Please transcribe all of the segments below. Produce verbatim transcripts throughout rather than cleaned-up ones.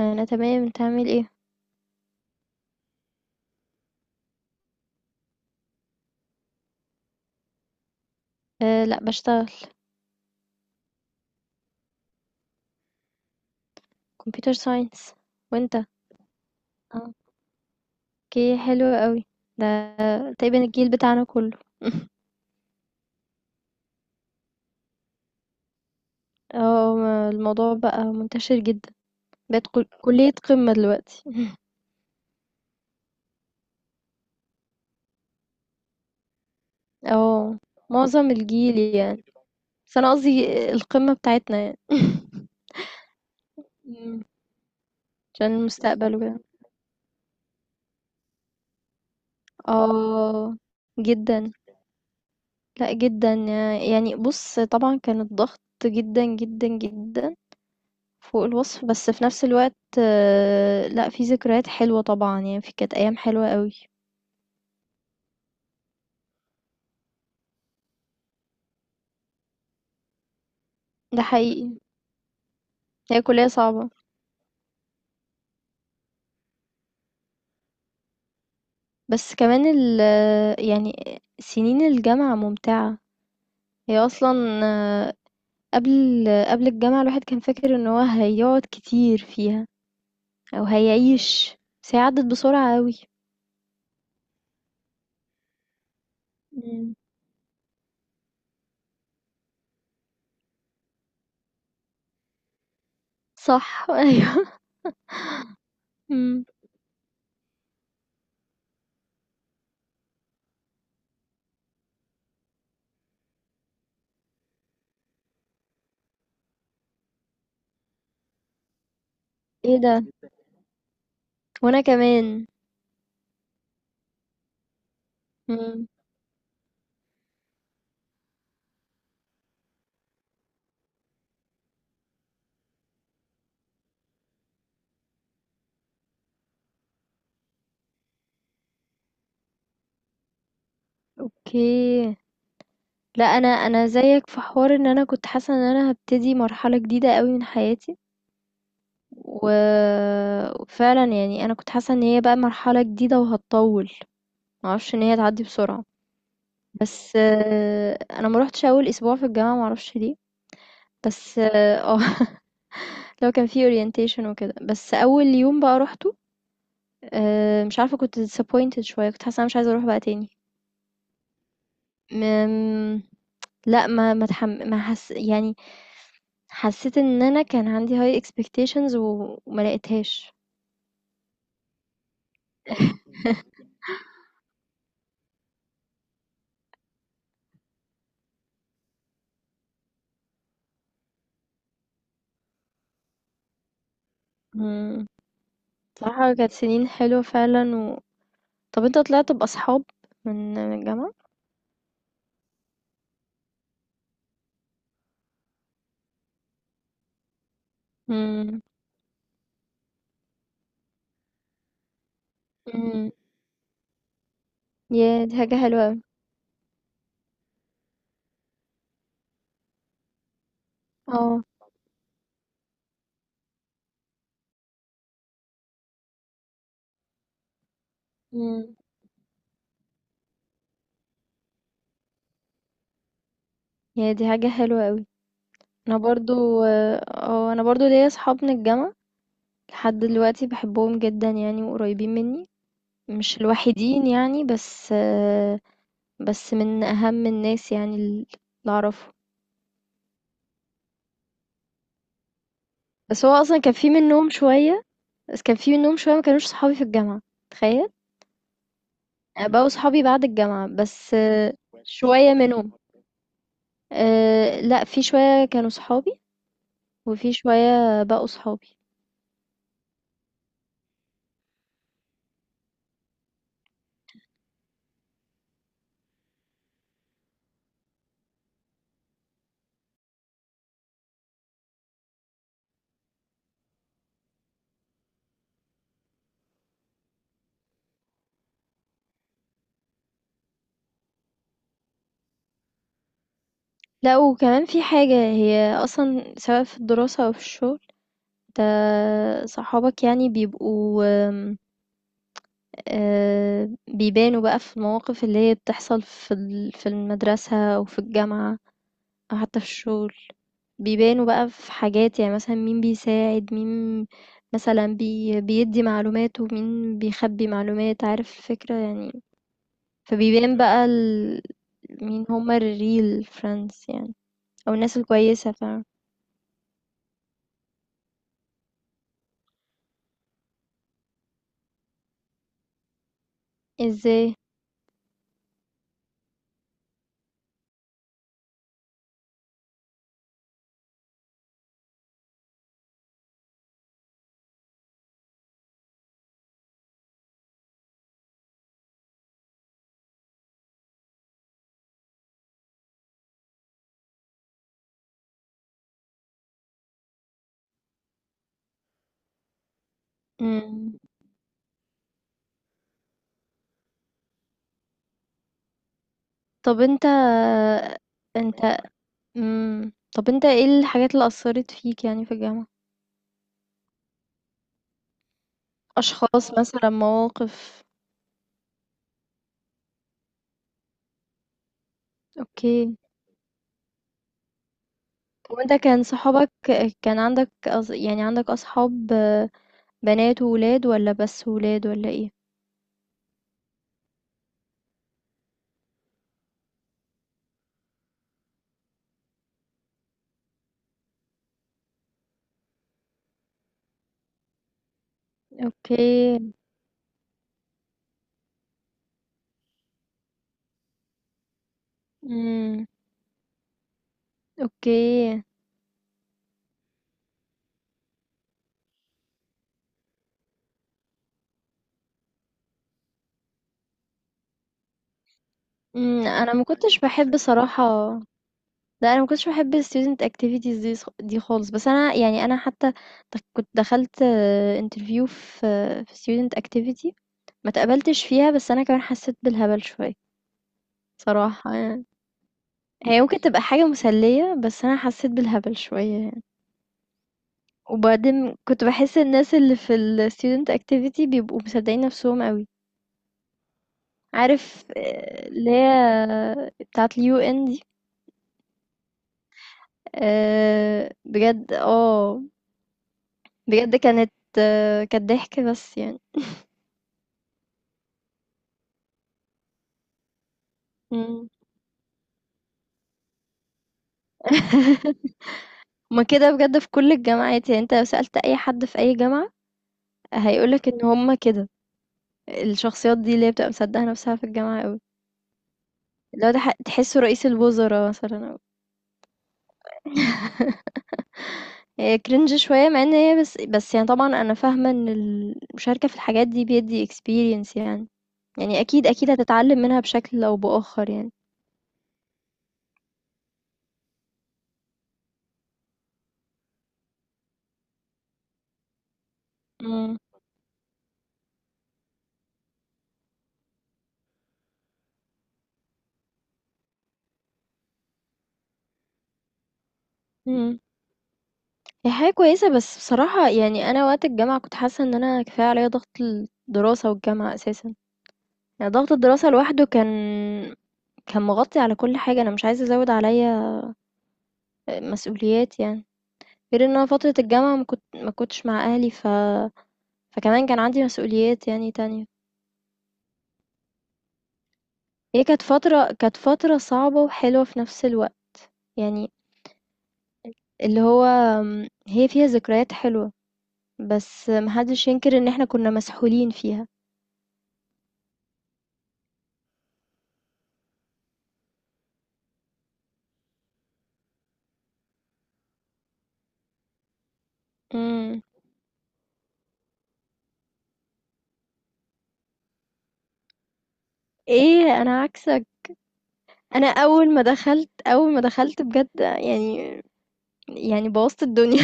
انا تمام، انت عامل ايه؟ أه لا، بشتغل. كمبيوتر ساينس. وانت؟ آه، اوكي، حلو قوي. ده تقريبا الجيل بتاعنا كله. اه، ما الموضوع بقى منتشر جدا. بقت كل- كلية قمة دلوقتي. اه، معظم الجيل يعني. بس انا قصدي القمة بتاعتنا يعني. مم. عشان المستقبل وكده. اه جدا. لا جدا يعني. بص طبعا كان الضغط جدا جدا جدا فوق الوصف، بس في نفس الوقت آه، لأ، في ذكريات حلوة طبعًا يعني، ف كانت أيام حلوة أوي. ده حقيقي، هي الكلية صعبة، بس كمان ال يعني سنين الجامعة ممتعة. هي أصلًا، آه، قبل قبل الجامعة الواحد كان فاكر إن هو هيقعد كتير فيها أو هيعيش، بس هي عدّت بسرعة أوي. إمم، صح. أيوه. إمم. إيه ده! وأنا كمان. إمم. أوكي. لا، انا انا زيك في حوار ان انا كنت حاسه ان انا هبتدي مرحله جديده قوي من حياتي، و- وفعلا يعني انا كنت حاسه ان هي بقى مرحله جديده وهتطول. ما اعرفش ان هي تعدي بسرعه. بس آه، انا ما روحتش اول اسبوع في الجامعه، ما اعرفش ليه. بس اه. آه، لو كان في اورينتيشن وكده، بس اول يوم بقى روحته. آه، مش عارفه، كنت disappointed شويه، كنت حاسه انا مش عايزه اروح بقى تاني. م- لا، ما ما تحم... ما حس... يعني حسيت إن أنا كان عندي high expectations و وما لقيتهاش. إمم. بصراحة كانت سنين حلوة فعلًا. و طَب أنت طلعت بأصحاب من من الجامعة؟ إمم. إمم. ياه! دي حاجة حلوة أوي. آه. إمم. ياه! دي حاجة حلوة أوي. أنا برضه، آه، أنا برضه ليّا أصحاب من الجامعة لحد دلوقتي، باحبهم جدًا يعني وقريبين منّي. مش الوحيدين يعني، بس آه، بس من أهم الناس يعني ال اللي أعرفهم. بس هو أصلًا كان في منّهم شوية. بس كان في منهم شوية ما كانوش صحابي في الجامعة، تخيل. يعني بقوا صحابي بعد الجامعة، بس آه، شوية منهم. أه لا، في شوية كانوا صحابي وفي شوية بقوا صحابي. لا، وكمان في حاجة، هي أصلا سواء في الدراسة أو في الشغل، انت صحابك يعني بيبقوا آم، آه، بيبانوا بقى في المواقف اللي هي بتحصل في ال- في المدرسة أو في الجامعة أو حتى في الشغل. بيبانوا بقى في حاجات يعني، مثلا مين بيساعد مين، مثلا بي بيدي معلومات ومين بيخبي معلومات، عارف الفكرة يعني. فبيبان بقى ال... مين هما الريل فريندز يعني، او الناس الكويسة، فاهم؟ ازاي؟ مم. طب انت انت. مم. طب انت ايه الحاجات اللي اثرت فيك يعني في الجامعة؟ اشخاص مثلا، مواقف؟ اوكي. وانت كان صحابك، كان عندك أص... يعني عندك اصحاب آه، بنات وولاد، ولا بس ولاد، ولا ايه؟ اوكي. امم. اوكي. امم، انا ما كنتش بحب صراحة. لا، انا ما كنتش بحب ال student activities دي ص- دي خالص. بس انا يعني انا حتى د- كنت دخلت آه، interview في آه، في student activity، ما تقبلتش فيها. بس انا كمان حسيت بالهبل شوية صراحة يعني. هي ممكن تبقى حاجة مسلية، بس انا حسيت بالهبل شوية. وبعدين كنت باحس الناس اللي في الstudent activity بيبقوا مصدقين نفسهم أوي. عارف آه، اللي هي بتاعة اليو ان دي. آه، بجد. اه بجد كانت آه، كانت ضحك بس يعني. مم. هما كده بجد في كل الجامعات، يعني انت لو سألت أي حد في أي جامعة هيقولك إن هما كده. الشخصيات دي اللي هي بتبقى مصدقة نفسها في الجامعة أوي، لو ده ح- تحسه رئيس الوزراء مثلا. هي cringe شوية، مع ان هي بس بس يعني طبعا انا فاهمة ان المشاركة في الحاجات دي بيدي experience يعني. يعني اكيد اكيد هتتعلم منها بشكل او باخر يعني. مم. امم، هي حاجة كويسة، بس بصراحة يعني انا وقت الجامعة كنت حاسة ان انا كفاية عليا ضغط الدراسة والجامعة اساسا. يعني ضغط الدراسة لوحده كان، كان مغطي على كل حاجة، انا مش عايزة ازود عليا مسؤوليات يعني. غير ان انا فترة الجامعة ما كنت ما كنتش مع اهلي، ف فكمان كان عندي مسؤوليات يعني تانية. هي كانت فترة، كانت فترة صعبة وحلوة في نفس الوقت يعني. اللي هو أم، هي فيها ذكريات حلوة، بس محدش ينكر ان احنا كنا مسحولين فيها. امم. ايه، انا عكسك. انا اول ما دخلت اول ما دخلت بجد يعني، يعني بوظت الدنيا.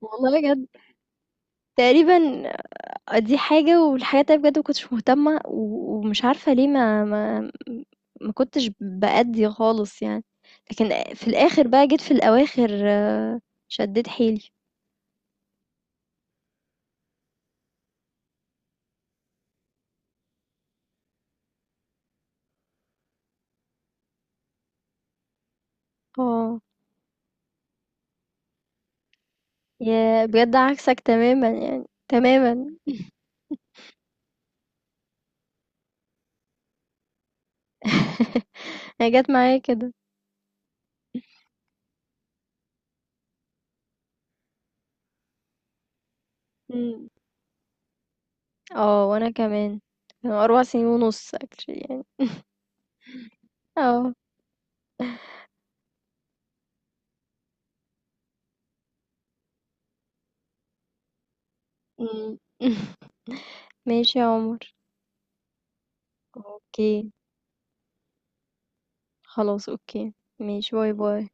والله بجد تقريبا. دي حاجة، والحاجة التانية بجد ما كنتش مهتمة، و ومش عارفة ليه، ما ما ما كنتش بأدّي خالص يعني، لكن في الآخر بقى جيت في الأواخر آه، شدّيت حيلي. آه، ياه! بجد عكسك تمامًا يعني، تمامًا. هي جات معايا كده. إمم. آه، وأنا كمان. كانوا أربع سنين ونُص actually يعني. آه. إمم. ماشي يا عمر. أوكي. خلاص أوكي. ماشي، باي، باي.